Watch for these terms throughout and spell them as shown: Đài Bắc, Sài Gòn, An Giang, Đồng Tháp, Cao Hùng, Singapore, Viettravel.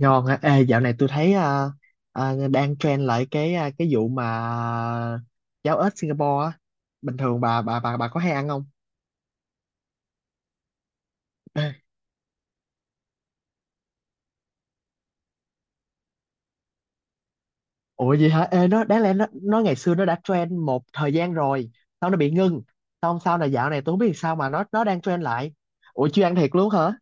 Ngon á, ê dạo này tôi thấy đang trend lại cái vụ mà cháo ếch Singapore á. Bình thường bà có hay ăn không? Ủa gì hả? Ê, nó đáng lẽ nó ngày xưa nó đã trend một thời gian rồi, xong nó bị ngưng. Xong sau này dạo này tôi không biết sao mà nó đang trend lại. Ủa chưa ăn thiệt luôn hả?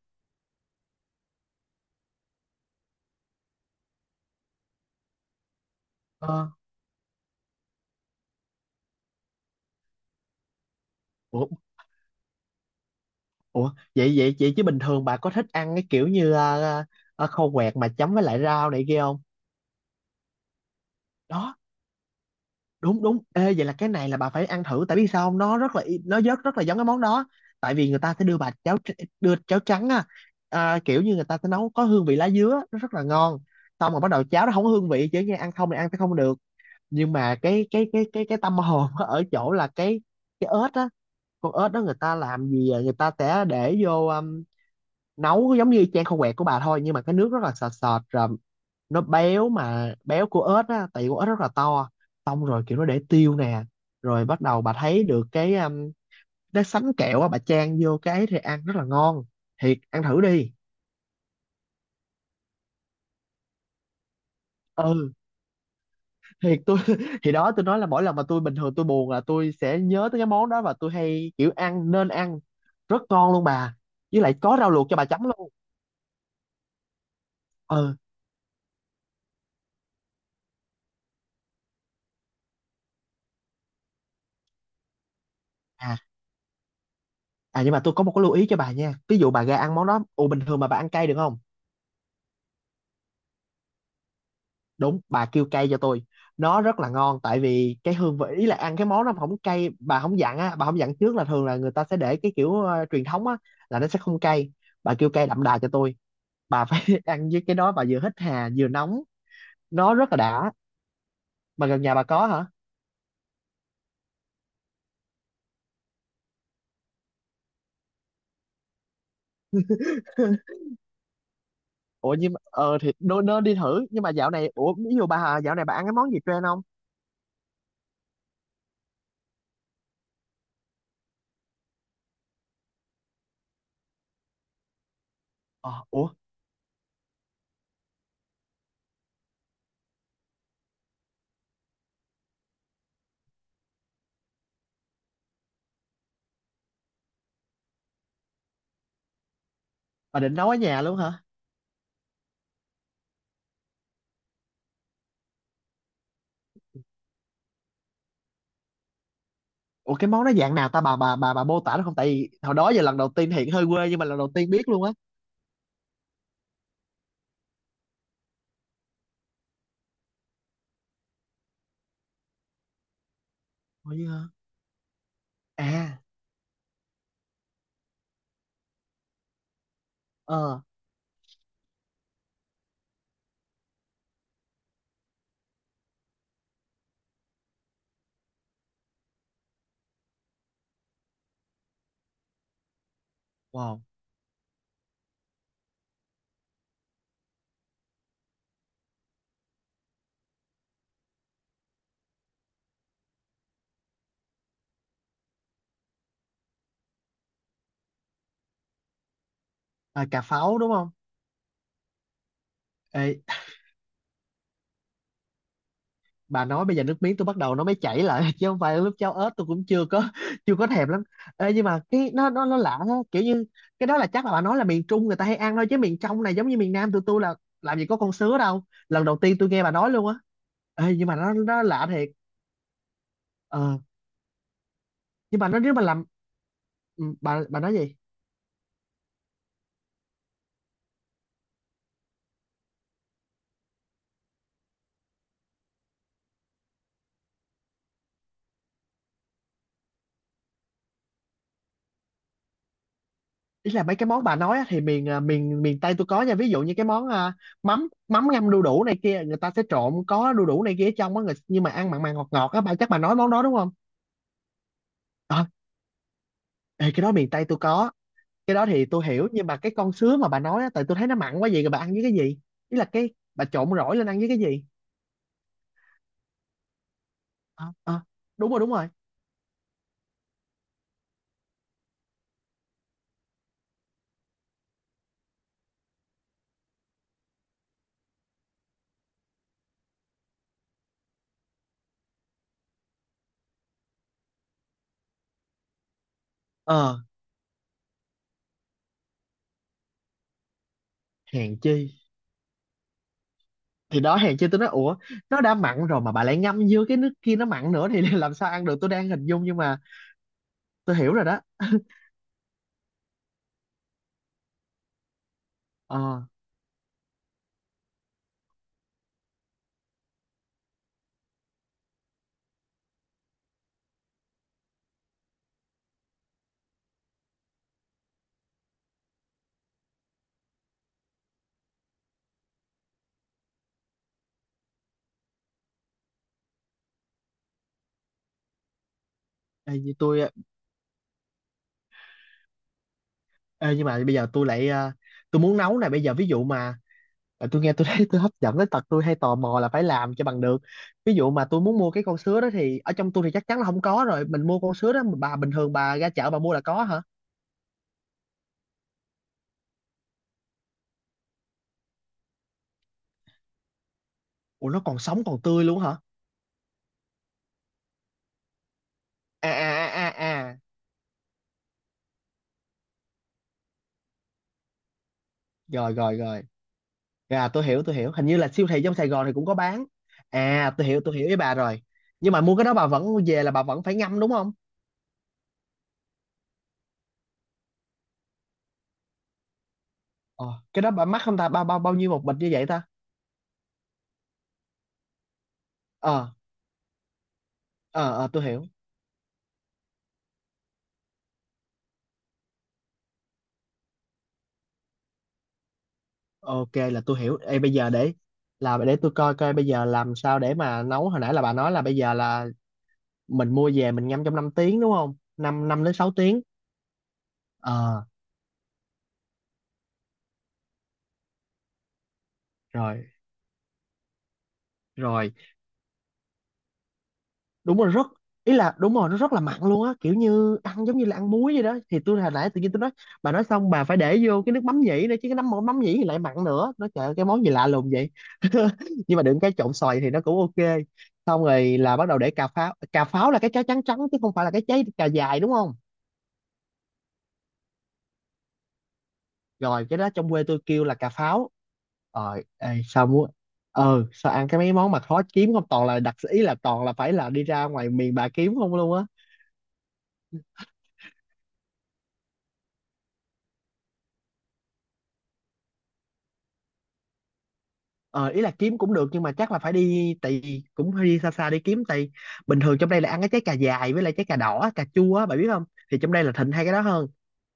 Ờ, ủa ủa vậy vậy vậy chứ bình thường bà có thích ăn cái kiểu như khô quẹt mà chấm với lại rau này kia không? Đó, đúng đúng, ê, vậy là cái này là bà phải ăn thử, tại biết sao không, nó rất là nó rất rất là giống cái món đó, tại vì người ta sẽ đưa bà đưa cháo trắng á. Kiểu như người ta sẽ nấu có hương vị lá dứa, nó rất là ngon. Xong rồi bắt đầu cháo nó không có hương vị, chứ nghe ăn không thì ăn sẽ không được, nhưng mà cái tâm hồn ở chỗ là cái ớt á. Con ớt đó người ta làm gì à? Người ta sẽ để vô, nấu giống như chan khô quẹt của bà thôi, nhưng mà cái nước rất là sệt sệt rồi, nó béo mà béo của ếch á, tại vì con ếch rất là to. Xong rồi kiểu nó để tiêu nè, rồi bắt đầu bà thấy được cái, cái sánh kẹo á, bà chan vô cái ấy thì ăn rất là ngon. Thiệt, ăn thử đi. Ừ, thiệt, tôi thì đó, tôi nói là mỗi lần mà tôi bình thường tôi buồn là tôi sẽ nhớ tới cái món đó, và tôi hay kiểu ăn nên ăn rất ngon luôn bà. Với lại có rau luộc cho bà chấm luôn. Ừ, à nhưng mà tôi có một cái lưu ý cho bà nha. Ví dụ bà ra ăn món đó, bình thường mà bà ăn cay được không? Đúng, bà kêu cay cho tôi, nó rất là ngon, tại vì cái hương vị ý là ăn cái món nó không cay, bà không dặn á, bà không dặn trước, là thường là người ta sẽ để cái kiểu truyền thống á, là nó sẽ không cay. Bà kêu cay đậm đà cho tôi, bà phải ăn với cái đó, bà vừa hít hà vừa nóng, nó rất là đã. Mà gần nhà bà có hả? Ủa, nhưng mà ờ thì nó, đi thử, nhưng mà dạo này, ủa, ví dụ bà Hà, dạo này bà ăn cái món gì trend không? Ờ ủa Bà định nấu ở nhà luôn hả? Ủa cái món nó dạng nào ta, bà mô tả nó không, tại vì hồi đó giờ lần đầu tiên, hiện hơi quê, nhưng mà lần đầu tiên biết luôn á. Ủa vậy hả? À. Ờ. Wow. À, cà pháo đúng không? Ê, bà nói bây giờ nước miếng tôi bắt đầu nó mới chảy lại, chứ không phải lúc cháo ớt tôi cũng chưa có, chưa có thèm lắm. Ê, nhưng mà cái nó lạ ha, kiểu như cái đó là chắc là bà nói là miền Trung người ta hay ăn thôi, chứ miền trong này giống như miền Nam tụi tôi là làm gì có con sứa đâu. Lần đầu tiên tôi nghe bà nói luôn á. Ê, nhưng mà nó lạ thiệt. Ờ, nhưng mà nó nếu mà làm, bà nói gì? Ý là mấy cái món bà nói á, thì miền, à, miền miền Tây tôi có nha, ví dụ như cái món, mắm mắm ngâm đu đủ này kia, người ta sẽ trộn có đu đủ này kia ở trong á, người, nhưng mà ăn mặn mặn ngọt ngọt á, bà, chắc bà nói món đó đúng không? ờ Ê, cái đó miền Tây tôi có. Cái đó thì tôi hiểu, nhưng mà cái con sứa mà bà nói á, tại tôi thấy nó mặn quá vậy rồi bà ăn với cái gì? Ý là cái, bà trộn rỗi lên ăn với cái gì? Ờ, ờ, đúng rồi, đúng rồi. ờ Hèn chi, thì đó, hèn chi tôi nói ủa, nó đã mặn rồi mà bà lại ngâm vô cái nước kia nó mặn nữa thì làm sao ăn được, tôi đang hình dung. Nhưng mà tôi hiểu rồi đó. ờ Ê, như tôi Ê, nhưng mà bây giờ tôi lại, tôi muốn nấu này, bây giờ ví dụ mà, tôi nghe tôi thấy tôi hấp dẫn đến tật tôi hay tò mò là phải làm cho bằng được. Ví dụ mà tôi muốn mua cái con sứa đó thì ở trong tôi thì chắc chắn là không có rồi, mình mua con sứa đó mà bà, bình thường bà ra chợ bà mua là có hả? Ủa nó còn sống còn tươi luôn hả? à à à à à Rồi, rồi, rồi. Tôi hiểu, tôi hiểu, hình như là siêu thị trong Sài Gòn thì cũng có bán. Tôi hiểu, tôi hiểu với bà rồi. Nhưng mà mua cái đó bà vẫn về là bà vẫn phải ngâm đúng không? ờ cái đó bà mắc không ta, bao bao bao nhiêu một bịch như vậy ta? Ờ, ờ, ờ, tôi hiểu. Ok, là tôi hiểu. Ê, bây giờ để tôi coi coi bây giờ làm sao để mà nấu, hồi nãy là bà nói là bây giờ là mình mua về mình ngâm trong 5 tiếng đúng không? Năm 5 đến 6 tiếng. Ờ, rồi, rồi. Đúng rồi. Ý là đúng rồi, nó rất là mặn luôn á, kiểu như ăn giống như là ăn muối vậy đó. Thì tôi hồi nãy tự nhiên tôi nói, bà nói xong bà phải để vô cái nước mắm nhĩ nữa, chứ cái nấm mắm nhĩ thì lại mặn nữa. Nó, trời ơi, cái món gì lạ lùng vậy. Nhưng mà đừng, cái trộn xoài thì nó cũng ok. Xong rồi là bắt đầu để cà pháo là cái trái trắng trắng chứ không phải là cái trái cà dài đúng không? Rồi, cái đó trong quê tôi kêu là cà pháo. Rồi, ê, sao muốn ờ sao ăn cái mấy món mà khó kiếm không, toàn là ý là toàn là phải là đi ra ngoài miền bà kiếm không luôn á. Ờ Ý là kiếm cũng được, nhưng mà chắc là phải đi. Cũng phải đi xa xa đi kiếm. Bình thường trong đây là ăn cái trái cà dài với lại trái cà đỏ, cà chua á bà biết không, thì trong đây là thịnh hai cái đó hơn.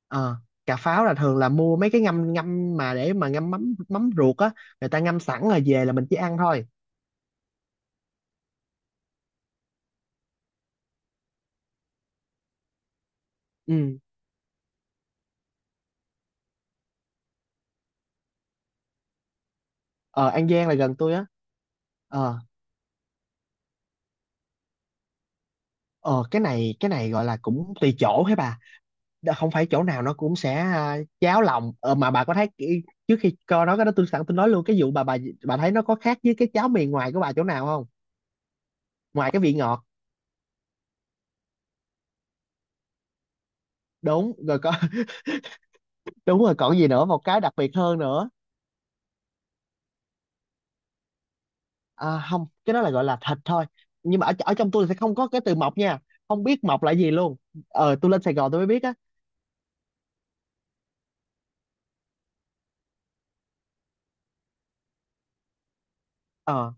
ờ Cà pháo là thường là mua mấy cái ngâm ngâm mà để mà ngâm mắm, mắm ruột á, người ta ngâm sẵn rồi về là mình chỉ ăn thôi. Ừ, ờ An Giang là gần tôi á. ờ Ờ, cái này gọi là cũng tùy chỗ hả bà? Không phải chỗ nào nó cũng sẽ, cháo lòng, mà bà có thấy. Trước khi coi nói cái đó tôi sẵn tôi nói luôn cái vụ, bà thấy nó có khác với cái cháo miền ngoài của bà chỗ nào không, ngoài cái vị ngọt? Đúng rồi, có. Đúng rồi, còn gì nữa, một cái đặc biệt hơn nữa? À, không, cái đó là gọi là thịt thôi, nhưng mà ở trong tôi sẽ không có cái từ mọc nha, không biết mọc là gì luôn. Tôi lên Sài Gòn tôi mới biết á. Ờ,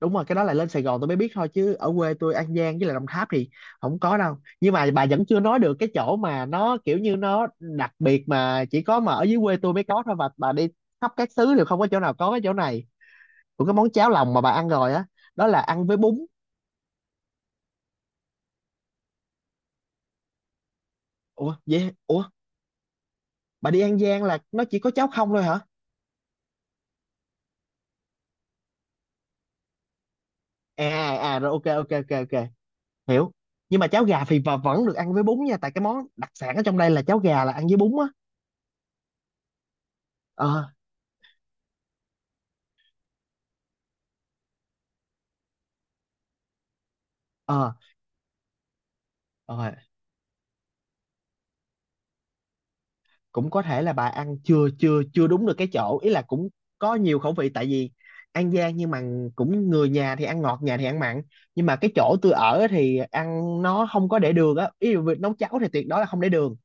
đúng rồi, cái đó là lên Sài Gòn tôi mới biết thôi, chứ ở quê tôi An Giang với lại Đồng Tháp thì không có đâu. Nhưng mà bà vẫn chưa nói được cái chỗ mà nó kiểu như nó đặc biệt, mà chỉ có mà ở dưới quê tôi mới có thôi, và bà đi khắp các xứ đều không có chỗ nào có, cái chỗ này của cái món cháo lòng mà bà ăn rồi á, đó là ăn với bún. Ủa vậy? Ủa, bà đi An Giang là nó chỉ có cháo không thôi hả? Rồi, ok, ok, ok, ok, hiểu. Nhưng mà cháo gà thì bà vẫn được ăn với bún nha, tại cái món đặc sản ở trong đây là cháo gà là ăn với bún á. Ờ, ờ, ờ, cũng có thể là bà ăn chưa chưa chưa đúng được cái chỗ, ý là cũng có nhiều khẩu vị, tại vì An Giang nhưng mà cũng, người nhà thì ăn ngọt, nhà thì ăn mặn. Nhưng mà cái chỗ tôi ở thì ăn nó không có để đường á, ý là việc nấu cháo thì tuyệt đối là không để đường,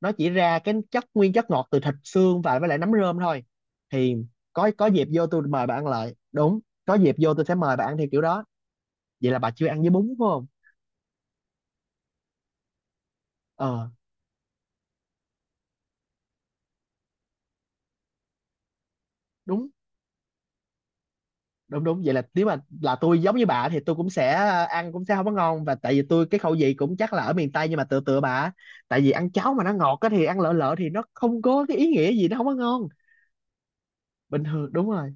nó chỉ ra cái chất nguyên, chất ngọt từ thịt xương và với lại nấm rơm thôi. Thì có dịp vô tôi mời bà ăn lại, đúng, có dịp vô tôi sẽ mời bà ăn theo kiểu đó. Vậy là bà chưa ăn với bún phải không? Ờ, đúng, đúng, đúng, vậy là nếu mà là tôi giống như bà thì tôi cũng sẽ ăn cũng sẽ không có ngon, và tại vì tôi cái khẩu vị cũng chắc là ở miền Tây nhưng mà tựa tựa bà, tại vì ăn cháo mà nó ngọt á thì ăn lợ lợ thì nó không có cái ý nghĩa gì, nó không có ngon. Bình thường đúng rồi,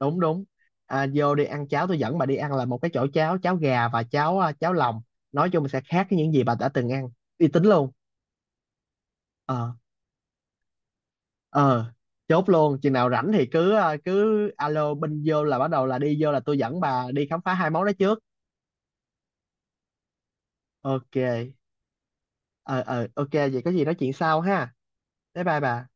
đúng, đúng. Vô đi ăn cháo, tôi dẫn bà đi ăn là một cái chỗ cháo cháo gà và cháo lòng, nói chung sẽ khác với những gì bà đã từng ăn, uy tín luôn. Ờ, ờ, chốt luôn, chừng nào rảnh thì cứ, alo bên vô là bắt đầu là đi vô là tôi dẫn bà đi khám phá hai món đó trước. Ok. Ờ, ờ, ok, vậy có gì nói chuyện sau ha. Bye bye bà.